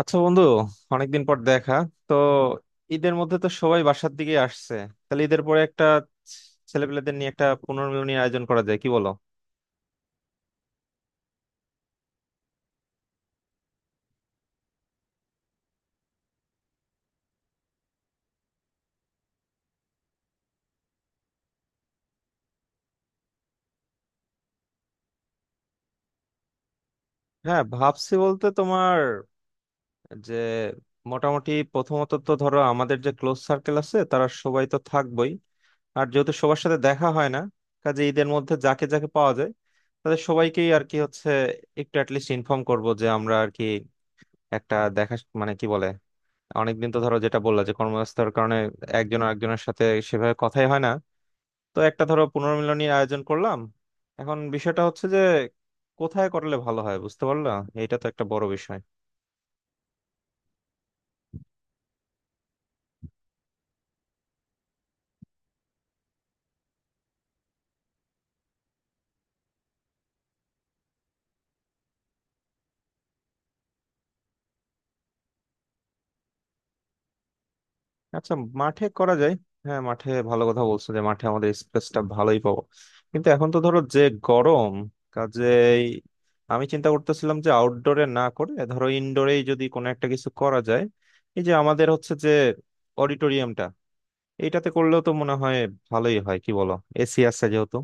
আচ্ছা বন্ধু, অনেকদিন পর দেখা। তো ঈদের মধ্যে তো সবাই বাসার দিকে আসছে। তাহলে ঈদের পরে একটা ছেলেপেলেদের নিয়ে একটা পুনর্মিলনীর আয়োজন করা যায়, কি বলো? হ্যাঁ, ভাবছি বলতে তোমার যে মোটামুটি প্রথমত তো ধরো আমাদের যে ক্লোজ সার্কেল আছে তারা সবাই তো থাকবই। আর যেহেতু সবার সাথে দেখা হয় না, কাজে ঈদের মধ্যে যাকে যাকে পাওয়া যায় তাদের সবাইকেই আর কি হচ্ছে একটু অ্যাটলিস্ট ইনফর্ম করব যে আমরা আর কি একটা দেখা, মানে কি বলে, অনেকদিন তো ধরো, যেটা বললা যে কর্মব্যস্ততার কারণে একজন আরেকজনের সাথে সেভাবে কথাই হয় না। তো একটা ধরো পুনর্মিলনীর আয়োজন করলাম। এখন বিষয়টা হচ্ছে যে কোথায় করলে ভালো হয়, বুঝতে পারলা? এটা তো একটা বড় বিষয়। আচ্ছা, মাঠে করা যায়। হ্যাঁ, মাঠে ভালো কথা বলছো, যে মাঠে আমাদের স্পেসটা ভালোই পাবো। কিন্তু এখন তো ধরো যে গরম, কাজেই আমি চিন্তা করতেছিলাম যে আউটডোরে না করে ধরো ইনডোরেই যদি কোনো একটা কিছু করা যায়। এই যে আমাদের হচ্ছে যে অডিটোরিয়ামটা, এইটাতে করলেও তো মনে হয় ভালোই হয়, কি বলো? এসি আছে যেহেতু।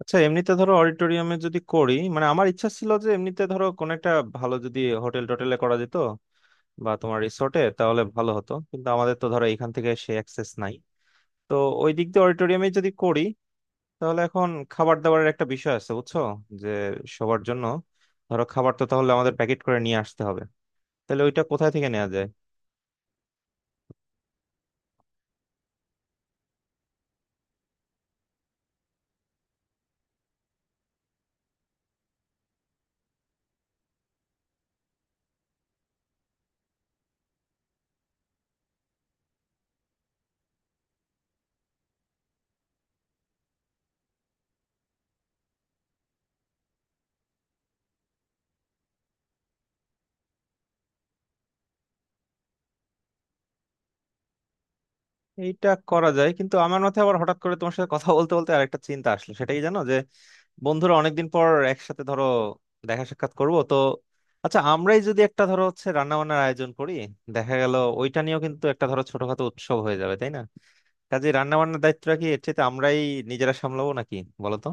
আচ্ছা, এমনিতে ধরো অডিটোরিয়ামে যদি করি, মানে আমার ইচ্ছা ছিল যে এমনিতে ধরো কোন একটা ভালো যদি হোটেল টোটেলে করা যেত বা তোমার রিসোর্টে, তাহলে ভালো হতো। কিন্তু আমাদের তো ধরো এখান থেকে সে অ্যাক্সেস নাই। তো ওই দিক দিয়ে অডিটোরিয়ামে যদি করি, তাহলে এখন খাবার দাবারের একটা বিষয় আছে, বুঝছো? যে সবার জন্য ধরো খাবার তো তাহলে আমাদের প্যাকেট করে নিয়ে আসতে হবে। তাহলে ওইটা কোথায় থেকে নেওয়া যায়? এইটা করা যায়, কিন্তু আমার মাথায় আবার হঠাৎ করে তোমার সাথে কথা বলতে বলতে আরেকটা চিন্তা আসলো সেটাই জানো, যে বন্ধুরা অনেকদিন পর একসাথে ধরো দেখা সাক্ষাৎ করব তো, আচ্ছা, আমরাই যদি একটা ধরো হচ্ছে রান্না বান্নার আয়োজন করি, দেখা গেল ওইটা নিয়েও কিন্তু একটা ধরো ছোটখাটো উৎসব হয়ে যাবে, তাই না? কাজে রান্না বান্নার দায়িত্বটা কি এর চেয়ে আমরাই নিজেরা সামলাবো নাকি, বলো তো।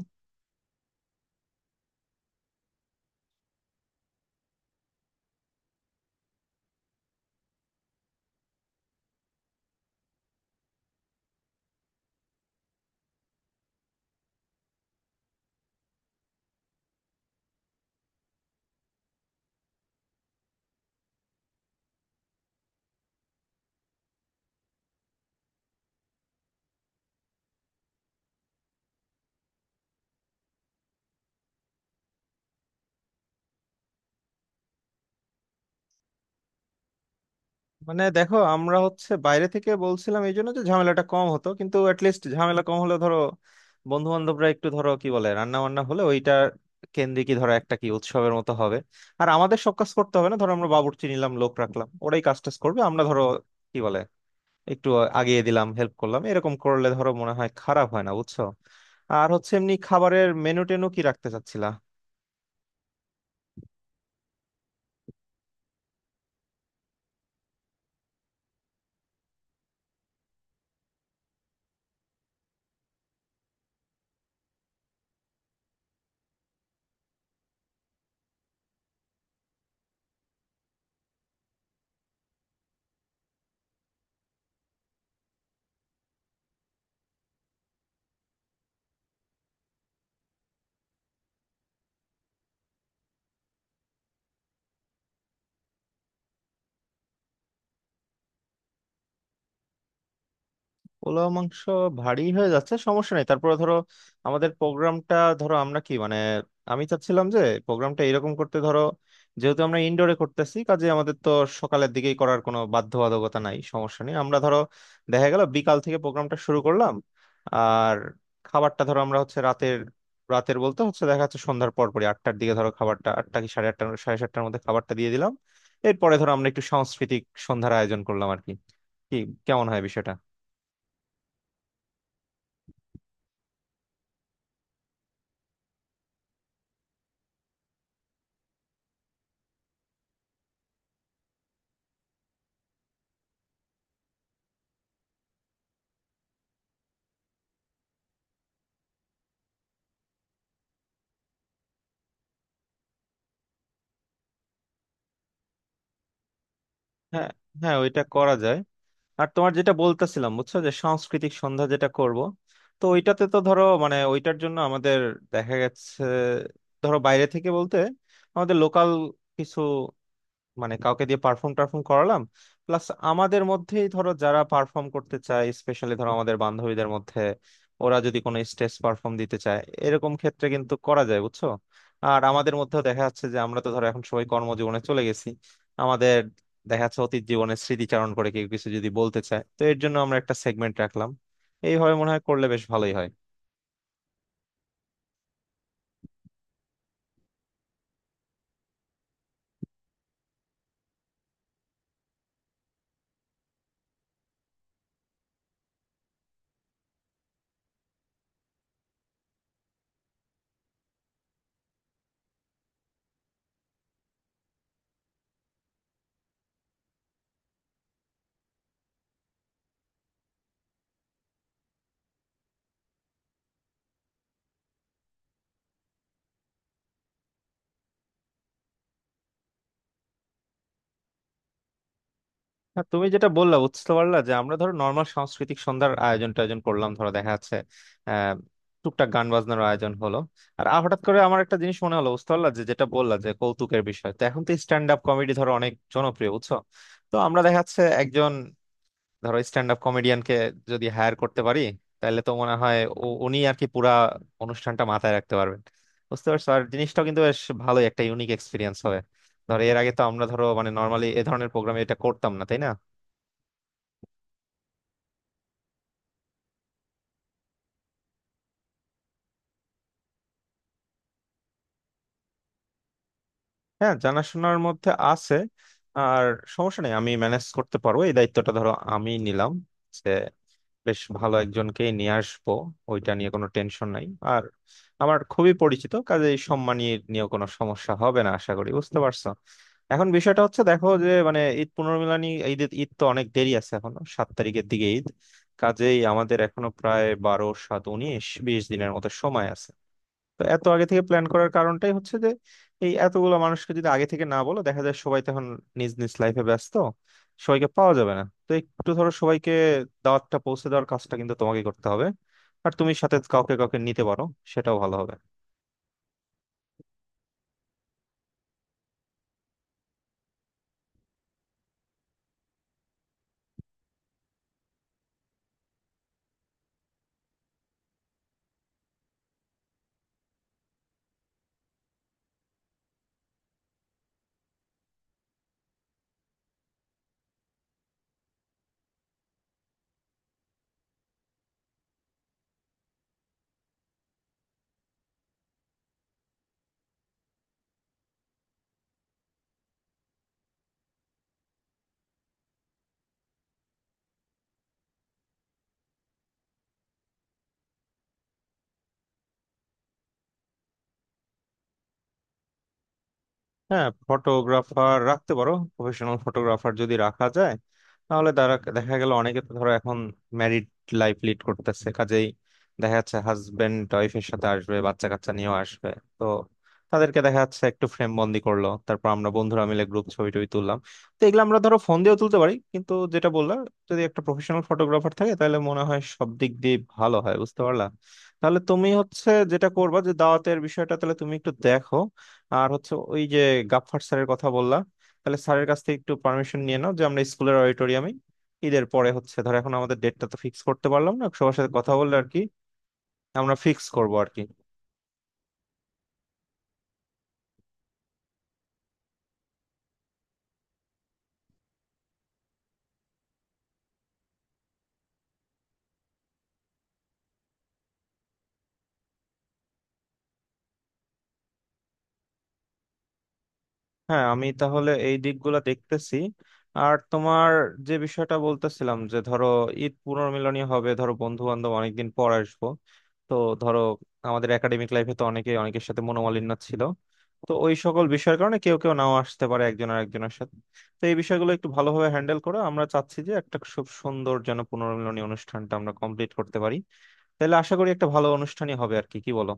মানে দেখো, আমরা হচ্ছে বাইরে থেকে বলছিলাম এই জন্য যে ঝামেলাটা কম হতো। কিন্তু অ্যাটলিস্ট ঝামেলা কম হলে ধরো বন্ধু বান্ধবরা একটু ধরো কি বলে, রান্না বান্না হলে ওইটা কেন্দ্রিক ধরো একটা কি উৎসবের মতো হবে। আর আমাদের সব কাজ করতে হবে না, ধরো আমরা বাবুর্চি নিলাম, লোক রাখলাম, ওরাই কাজ টাজ করবে, আমরা ধরো কি বলে একটু আগিয়ে দিলাম, হেল্প করলাম, এরকম করলে ধরো মনে হয় খারাপ হয় না, বুঝছো? আর হচ্ছে এমনি খাবারের মেনু টেনু কি রাখতে চাচ্ছিলা? পোলাও মাংস ভারী হয়ে যাচ্ছে, সমস্যা নেই। তারপরে ধরো আমাদের প্রোগ্রামটা ধরো আমরা কি মানে, আমি চাচ্ছিলাম যে প্রোগ্রামটা এরকম করতে, ধরো যেহেতু আমরা ইনডোরে করতেছি, কাজে আমাদের তো সকালের দিকেই করার কোনো বাধ্যবাধকতা নাই, সমস্যা নেই। আমরা ধরো দেখা গেল বিকাল থেকে প্রোগ্রামটা শুরু করলাম। আর খাবারটা ধরো আমরা হচ্ছে রাতের, রাতের বলতে হচ্ছে দেখা যাচ্ছে সন্ধ্যার পর পরই আটটার দিকে ধরো, খাবারটা আটটা কি সাড়ে আটটা সাড়ে সাতটার মধ্যে খাবারটা দিয়ে দিলাম। এরপরে ধরো আমরা একটু সাংস্কৃতিক সন্ধ্যার আয়োজন করলাম আর কি। কি কেমন হয় বিষয়টা? হ্যাঁ, হ্যাঁ, ওইটা করা যায়। আর তোমার যেটা বলতেছিলাম, বুঝছো, যে সাংস্কৃতিক সন্ধ্যা যেটা করব, তো ওইটাতে তো ধরো মানে ওইটার জন্য আমাদের দেখা গেছে ধরো বাইরে থেকে বলতে আমাদের লোকাল কিছু মানে কাউকে দিয়ে পারফর্ম টারফর্ম করালাম, প্লাস আমাদের মধ্যেই ধরো যারা পারফর্ম করতে চায়, স্পেশালি ধরো আমাদের বান্ধবীদের মধ্যে ওরা যদি কোনো স্টেজ পারফর্ম দিতে চায়, এরকম ক্ষেত্রে কিন্তু করা যায়, বুঝছো? আর আমাদের মধ্যেও দেখা যাচ্ছে যে আমরা তো ধরো এখন সবাই কর্মজীবনে চলে গেছি, আমাদের দেখা যাচ্ছে অতীত জীবনের স্মৃতিচারণ করে কেউ কিছু যদি বলতে চায়, তো এর জন্য আমরা একটা সেগমেন্ট রাখলাম। এইভাবে মনে হয় করলে বেশ ভালোই হয়। হ্যাঁ, তুমি যেটা বললা বুঝতে পারলা, যে আমরা ধরো নর্মাল সাংস্কৃতিক সন্ধ্যার আয়োজন টায়োজন করলাম, ধরো দেখা যাচ্ছে আহ টুকটাক গান বাজনার আয়োজন হলো। আর হঠাৎ করে আমার একটা জিনিস মনে হলো, বুঝতে পারলা, যে যেটা বললা যে কৌতুকের বিষয়, তো এখন তো স্ট্যান্ড আপ কমেডি ধরো অনেক জনপ্রিয়, বুঝছো? তো আমরা দেখা যাচ্ছে একজন ধরো স্ট্যান্ড আপ কমেডিয়ানকে যদি হায়ার করতে পারি, তাহলে তো মনে হয় উনি আর কি পুরা অনুষ্ঠানটা মাথায় রাখতে পারবেন, বুঝতে পারছো? আর জিনিসটাও কিন্তু বেশ ভালোই একটা ইউনিক এক্সপিরিয়েন্স হবে। ধরো এর আগে তো আমরা ধরো মানে নর্মালি এ ধরনের প্রোগ্রামে এটা করতাম না, তাই না? হ্যাঁ, জানাশোনার মধ্যে আছে। আর সমস্যা নেই, আমি ম্যানেজ করতে পারবো। এই দায়িত্বটা ধরো আমি নিলাম, যে বেশ ভালো একজনকেই নিয়ে আসবো। ওইটা নিয়ে কোনো টেনশন নাই। আর আমার খুবই পরিচিত, কাজে এই সম্মানীয় নিয়ে নিয়েও কোনো সমস্যা হবে না আশা করি, বুঝতে পারছো? এখন বিষয়টা হচ্ছে দেখো যে, মানে ঈদ পুনর্মিলনী, ঈদ ঈদ তো অনেক দেরি আছে এখনো, 7 তারিখের দিকে ঈদ। কাজেই আমাদের এখনো প্রায় 12 7 19 20 দিনের মতো সময় আছে। তো এত আগে থেকে প্ল্যান করার কারণটাই হচ্ছে যে এই এতগুলো মানুষকে যদি আগে থেকে না বলো, দেখা যায় সবাই তখন নিজ নিজ লাইফে ব্যস্ত, সবাইকে পাওয়া যাবে না। তো একটু ধরো সবাইকে দাওয়াতটা পৌঁছে দেওয়ার কাজটা কিন্তু তোমাকে করতে হবে। আর তুমি সাথে কাউকে কাউকে নিতে পারো, সেটাও ভালো হবে। হ্যাঁ, ফটোগ্রাফার রাখতে পারো, প্রফেশনাল ফটোগ্রাফার যদি রাখা যায়, তাহলে তারা দেখা গেল, অনেকে তো ধরো এখন ম্যারিড লাইফ লিড করতেছে, কাজেই দেখা যাচ্ছে হাজবেন্ড ওয়াইফের সাথে আসবে, বাচ্চা কাচ্চা নিয়েও আসবে। তো তাদেরকে দেখা যাচ্ছে একটু ফ্রেম বন্দি করলো, তারপর আমরা বন্ধুরা মিলে গ্রুপ ছবি টবি তুললাম। তো এগুলো আমরা ধরো ফোন দিয়েও তুলতে পারি, কিন্তু যেটা বললাম, যদি একটা প্রফেশনাল ফটোগ্রাফার থাকে তাহলে মনে হয় সব দিক দিয়ে ভালো হয়, বুঝতে পারলা? তাহলে তুমি হচ্ছে যেটা করবা, যে দাওয়াতের বিষয়টা তাহলে তুমি একটু দেখো। আর হচ্ছে ওই যে গাফফার স্যারের কথা বললা, তাহলে স্যারের কাছ থেকে একটু পারমিশন নিয়ে নাও, যে আমরা স্কুলের অডিটোরিয়ামে ঈদের পরে হচ্ছে, ধর এখন আমাদের ডেটটা তো ফিক্স করতে পারলাম না, সবার সাথে কথা বললে আর কি আমরা ফিক্স করবো আর কি। হ্যাঁ, আমি তাহলে এই দিকগুলো দেখতেছি। আর তোমার যে বিষয়টা বলতেছিলাম, যে ধরো ঈদ পুনর্মিলনী হবে ধরো, বন্ধু বান্ধব অনেকদিন পর আসবো, তো ধরো আমাদের একাডেমিক লাইফে তো অনেকে অনেকের সাথে মনোমালিন্য ছিল। তো ওই সকল বিষয়ের কারণে কেউ কেউ নাও আসতে পারে একজন আর একজনের সাথে। তো এই বিষয়গুলো একটু ভালোভাবে হ্যান্ডেল করো। আমরা চাচ্ছি যে একটা খুব সুন্দর যেন পুনর্মিলনী অনুষ্ঠানটা আমরা কমপ্লিট করতে পারি। তাহলে আশা করি একটা ভালো অনুষ্ঠানই হবে আর কি, কি বলো?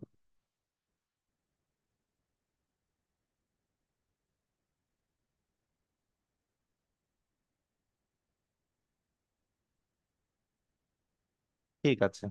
ঠিক আছে।